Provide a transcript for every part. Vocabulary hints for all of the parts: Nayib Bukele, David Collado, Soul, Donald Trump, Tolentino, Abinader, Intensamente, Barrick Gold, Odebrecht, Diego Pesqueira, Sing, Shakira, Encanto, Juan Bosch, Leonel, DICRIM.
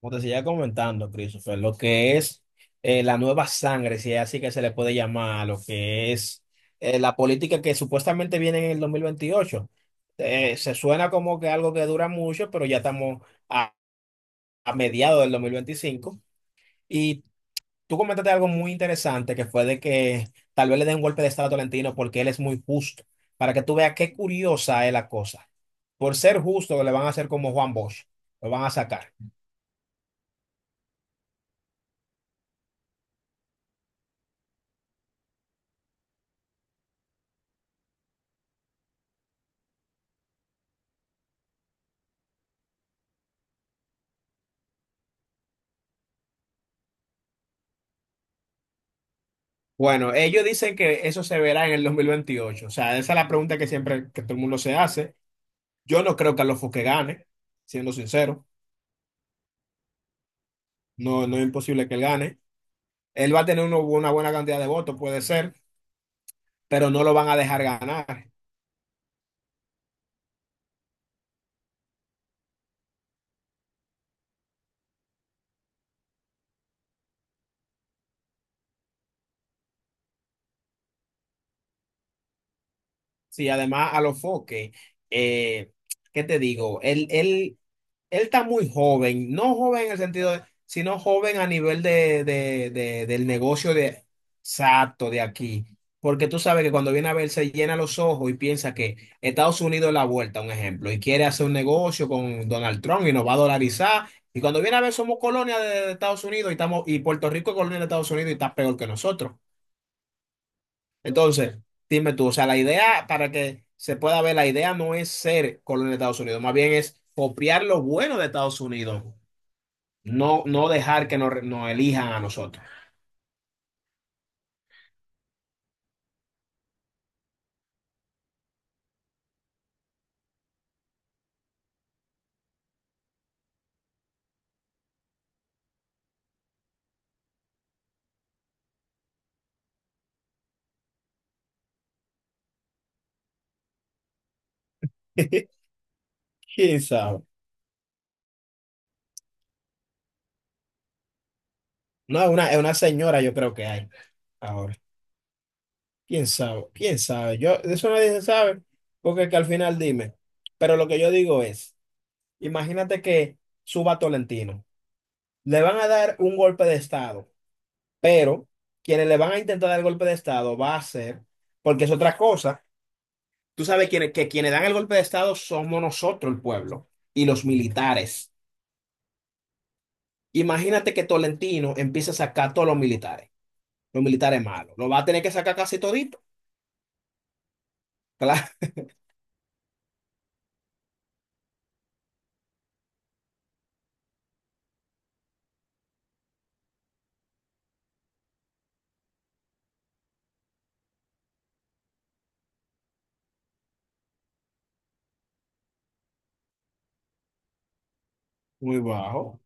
Como te seguía comentando, Christopher, lo que es la nueva sangre, si es así que se le puede llamar, lo que es la política que supuestamente viene en el 2028. Se suena como que algo que dura mucho, pero ya estamos a, a mediados del 2025. Y tú comentaste algo muy interesante, que fue de que tal vez le den un golpe de estado a Tolentino porque él es muy justo, para que tú veas qué curiosa es la cosa. Por ser justo, le van a hacer como Juan Bosch, lo van a sacar. Bueno, ellos dicen que eso se verá en el 2028. O sea, esa es la pregunta que siempre que todo el mundo se hace. Yo no creo que Alonso que gane, siendo sincero. No, no es imposible que él gane. Él va a tener una buena cantidad de votos, puede ser, pero no lo van a dejar ganar. Sí, además Alonso que, eh, ¿qué te digo? Él él está muy joven, no joven en el sentido de, sino joven a nivel del negocio de exacto de aquí. Porque tú sabes que cuando viene a ver se llena los ojos y piensa que Estados Unidos es la vuelta, un ejemplo, y quiere hacer un negocio con Donald Trump y nos va a dolarizar. Y cuando viene a ver somos colonia de Estados Unidos y estamos, y Puerto Rico es colonia de Estados Unidos y está peor que nosotros. Entonces, dime tú, o sea, la idea para que se pueda ver, la idea no es ser colonia de Estados Unidos, más bien es copiar lo bueno de Estados Unidos no, no dejar que nos elijan a nosotros. ¿Quién sabe? No, es una señora yo creo que hay ahora. ¿Quién sabe? ¿Quién sabe? Yo, de eso nadie se sabe, porque es que al final dime. Pero lo que yo digo es, imagínate que suba Tolentino. Le van a dar un golpe de estado, pero quienes le van a intentar dar el golpe de estado va a ser, porque es otra cosa. Tú sabes que quienes dan el golpe de estado somos nosotros, el pueblo, y los militares. Imagínate que Tolentino empieza a sacar todos los militares malos. Lo va a tener que sacar casi todito. Claro, muy bajo.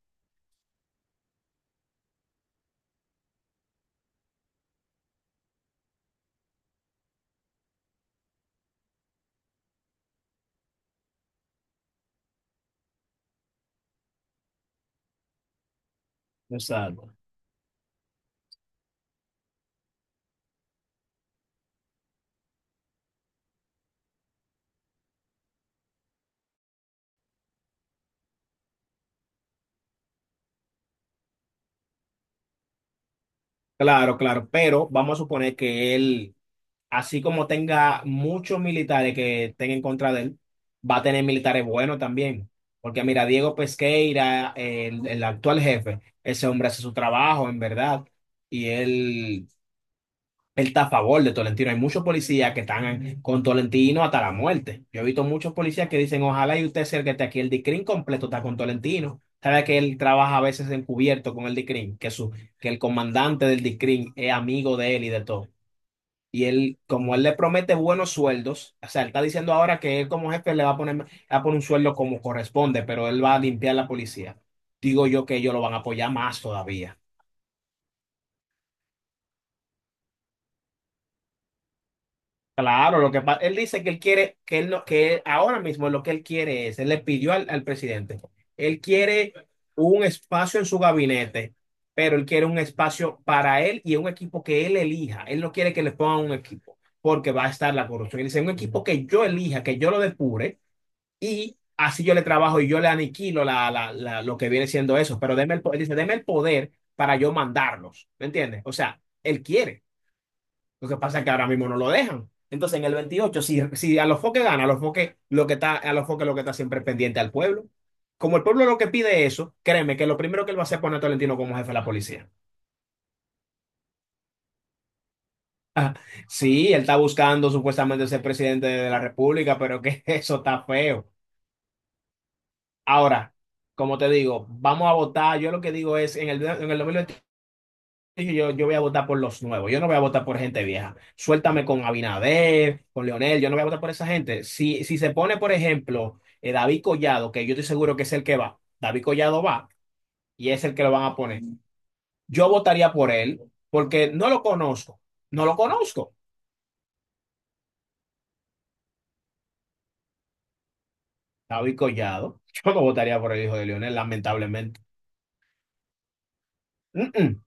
Exacto. Claro, claro, pero vamos a suponer que él, así como tenga muchos militares que estén en contra de él, va a tener militares buenos también. Porque mira, Diego Pesqueira, el actual jefe, ese hombre hace su trabajo, en verdad, y él él está a favor de Tolentino. Hay muchos policías que están con Tolentino hasta la muerte. Yo he visto muchos policías que dicen, ojalá y usted sea el que esté aquí. El DICRIM completo está con Tolentino. Sabe que él trabaja a veces encubierto con el DICRIM, que, su, que el comandante del DICRIM es amigo de él y de todo. Y él, como él le promete buenos sueldos, o sea, él está diciendo ahora que él como jefe le va a poner, le va a poner un sueldo como corresponde, pero él va a limpiar la policía. Digo yo que ellos lo van a apoyar más todavía. Claro, lo que pasa, él dice que él quiere, que él no, que él- ahora mismo lo que él quiere es, él le pidió al, al presidente, él quiere un espacio en su gabinete, pero él quiere un espacio para él y un equipo que él elija. Él no quiere que le pongan un equipo, porque va a estar la corrupción. Él dice, un equipo que yo elija, que yo lo depure y así yo le trabajo y yo le aniquilo la, la, la- lo que viene siendo eso. Pero deme el, po- él dice, deme el poder para yo mandarlos, ¿me entiendes? O sea, él quiere. Lo que pasa es que ahora mismo no lo dejan. Entonces, en el 28 si, a los foques gana, a los foques lo que está, a los foques lo que está siempre es pendiente al pueblo. Como el pueblo lo que pide eso, créeme que lo primero que él va a hacer es poner a Tolentino como jefe de la policía. Sí, él está buscando supuestamente ser presidente de la República, pero que eso está feo. Ahora, como te digo, vamos a votar. Yo lo que digo es, en el, 2021 dije, yo voy a votar por los nuevos, yo no voy a votar por gente vieja. Suéltame con Abinader, con Leonel, yo no voy a votar por esa gente. si se pone, por ejemplo, David Collado, que yo estoy seguro que es el que va, David Collado va y es el que lo van a poner. Yo votaría por él porque no lo conozco, no lo conozco. David Collado, yo no votaría por el hijo de Leonel, lamentablemente. Mm-mm.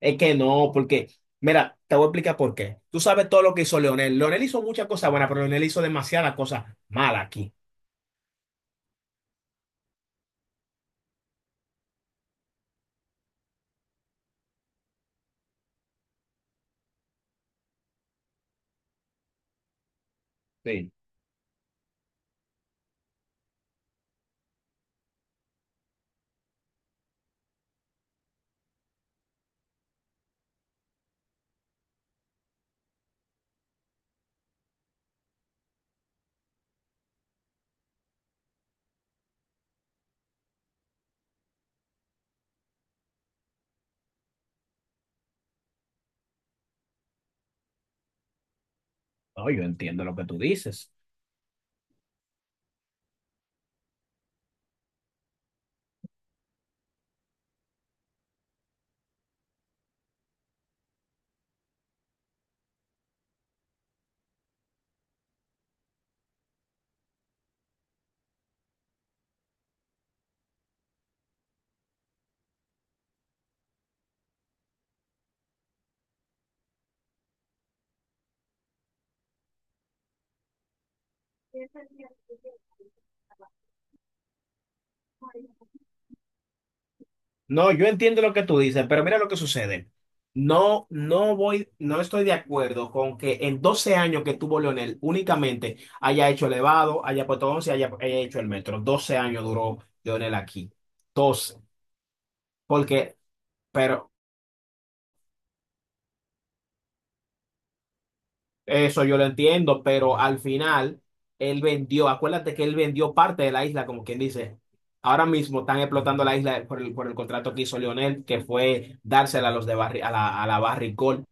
Es que no, porque, mira, te voy a explicar por qué. Tú sabes todo lo que hizo Leonel. Leonel hizo muchas cosas buenas, pero Leonel hizo demasiadas cosas malas aquí. Sí. No, yo entiendo lo que tú dices. No, yo entiendo lo que tú dices, pero mira lo que sucede. No, no voy, no estoy de acuerdo con que en 12 años que tuvo Leonel únicamente haya hecho elevado, haya puesto 11, haya, haya hecho el metro. 12 años duró Leonel aquí. 12, porque, pero eso yo lo entiendo, pero al final él vendió, acuérdate que él vendió parte de la isla, como quien dice. Ahora mismo están explotando la isla por el, contrato que hizo Lionel, que fue dársela a los de a la Barrick Gold.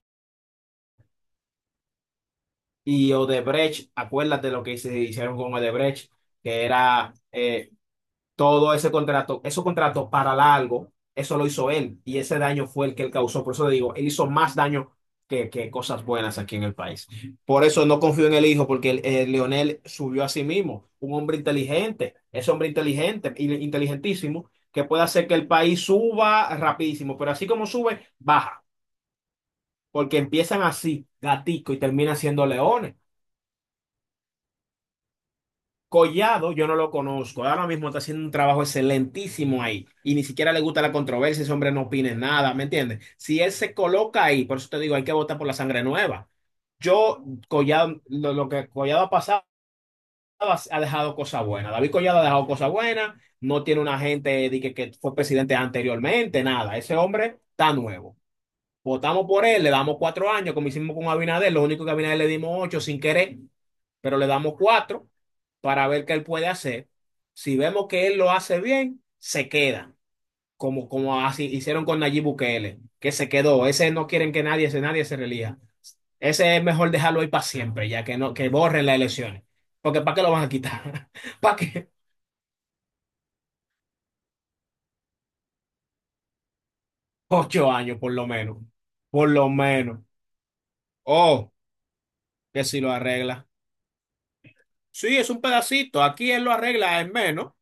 Y Odebrecht, acuérdate lo que se hicieron con Odebrecht, que era, todo ese contrato, esos contratos para largo, eso lo hizo él y ese daño fue el que él causó. Por eso digo, él hizo más daño que cosas buenas aquí en el país. Por eso no confío en el hijo, porque el Leonel subió a sí mismo, un hombre inteligente, es hombre inteligente, inteligentísimo, que puede hacer que el país suba rapidísimo, pero así como sube, baja, porque empiezan así, gatico, y terminan siendo leones. Collado, yo no lo conozco. Ahora mismo está haciendo un trabajo excelentísimo ahí. Y ni siquiera le gusta la controversia, ese hombre no opine nada, ¿me entiendes? Si él se coloca ahí, por eso te digo, hay que votar por la sangre nueva. Yo, Collado, lo que Collado ha pasado ha dejado cosas buenas. David Collado ha dejado cosas buenas, no tiene una gente de que fue presidente anteriormente, nada. Ese hombre está nuevo. Votamos por él, le damos 4 años, como hicimos con Abinader, lo único que a Abinader le dimos 8 sin querer pero le damos 4 para ver qué él puede hacer. Si vemos que él lo hace bien, se queda, como, así hicieron con Nayib Bukele, que se quedó. Ese no quieren que nadie, ese nadie se relija. Ese es mejor dejarlo ahí para siempre, ya que no, que borren las elecciones. Porque ¿para qué lo van a quitar? ¿Para qué? 8 años por lo menos. Por lo menos. Oh, que si lo arregla. Sí, es un pedacito. Aquí él lo arregla en menos.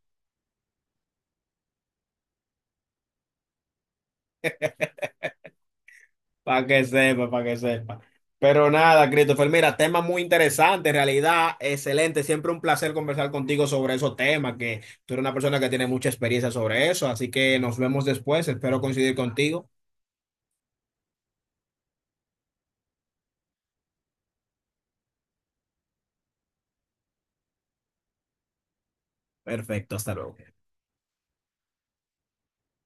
Para que sepa, para que sepa. Pero nada, Christopher, mira, tema muy interesante, en realidad, excelente. Siempre un placer conversar contigo sobre esos temas, que tú eres una persona que tiene mucha experiencia sobre eso, así que nos vemos después, espero coincidir contigo. Perfecto, hasta luego.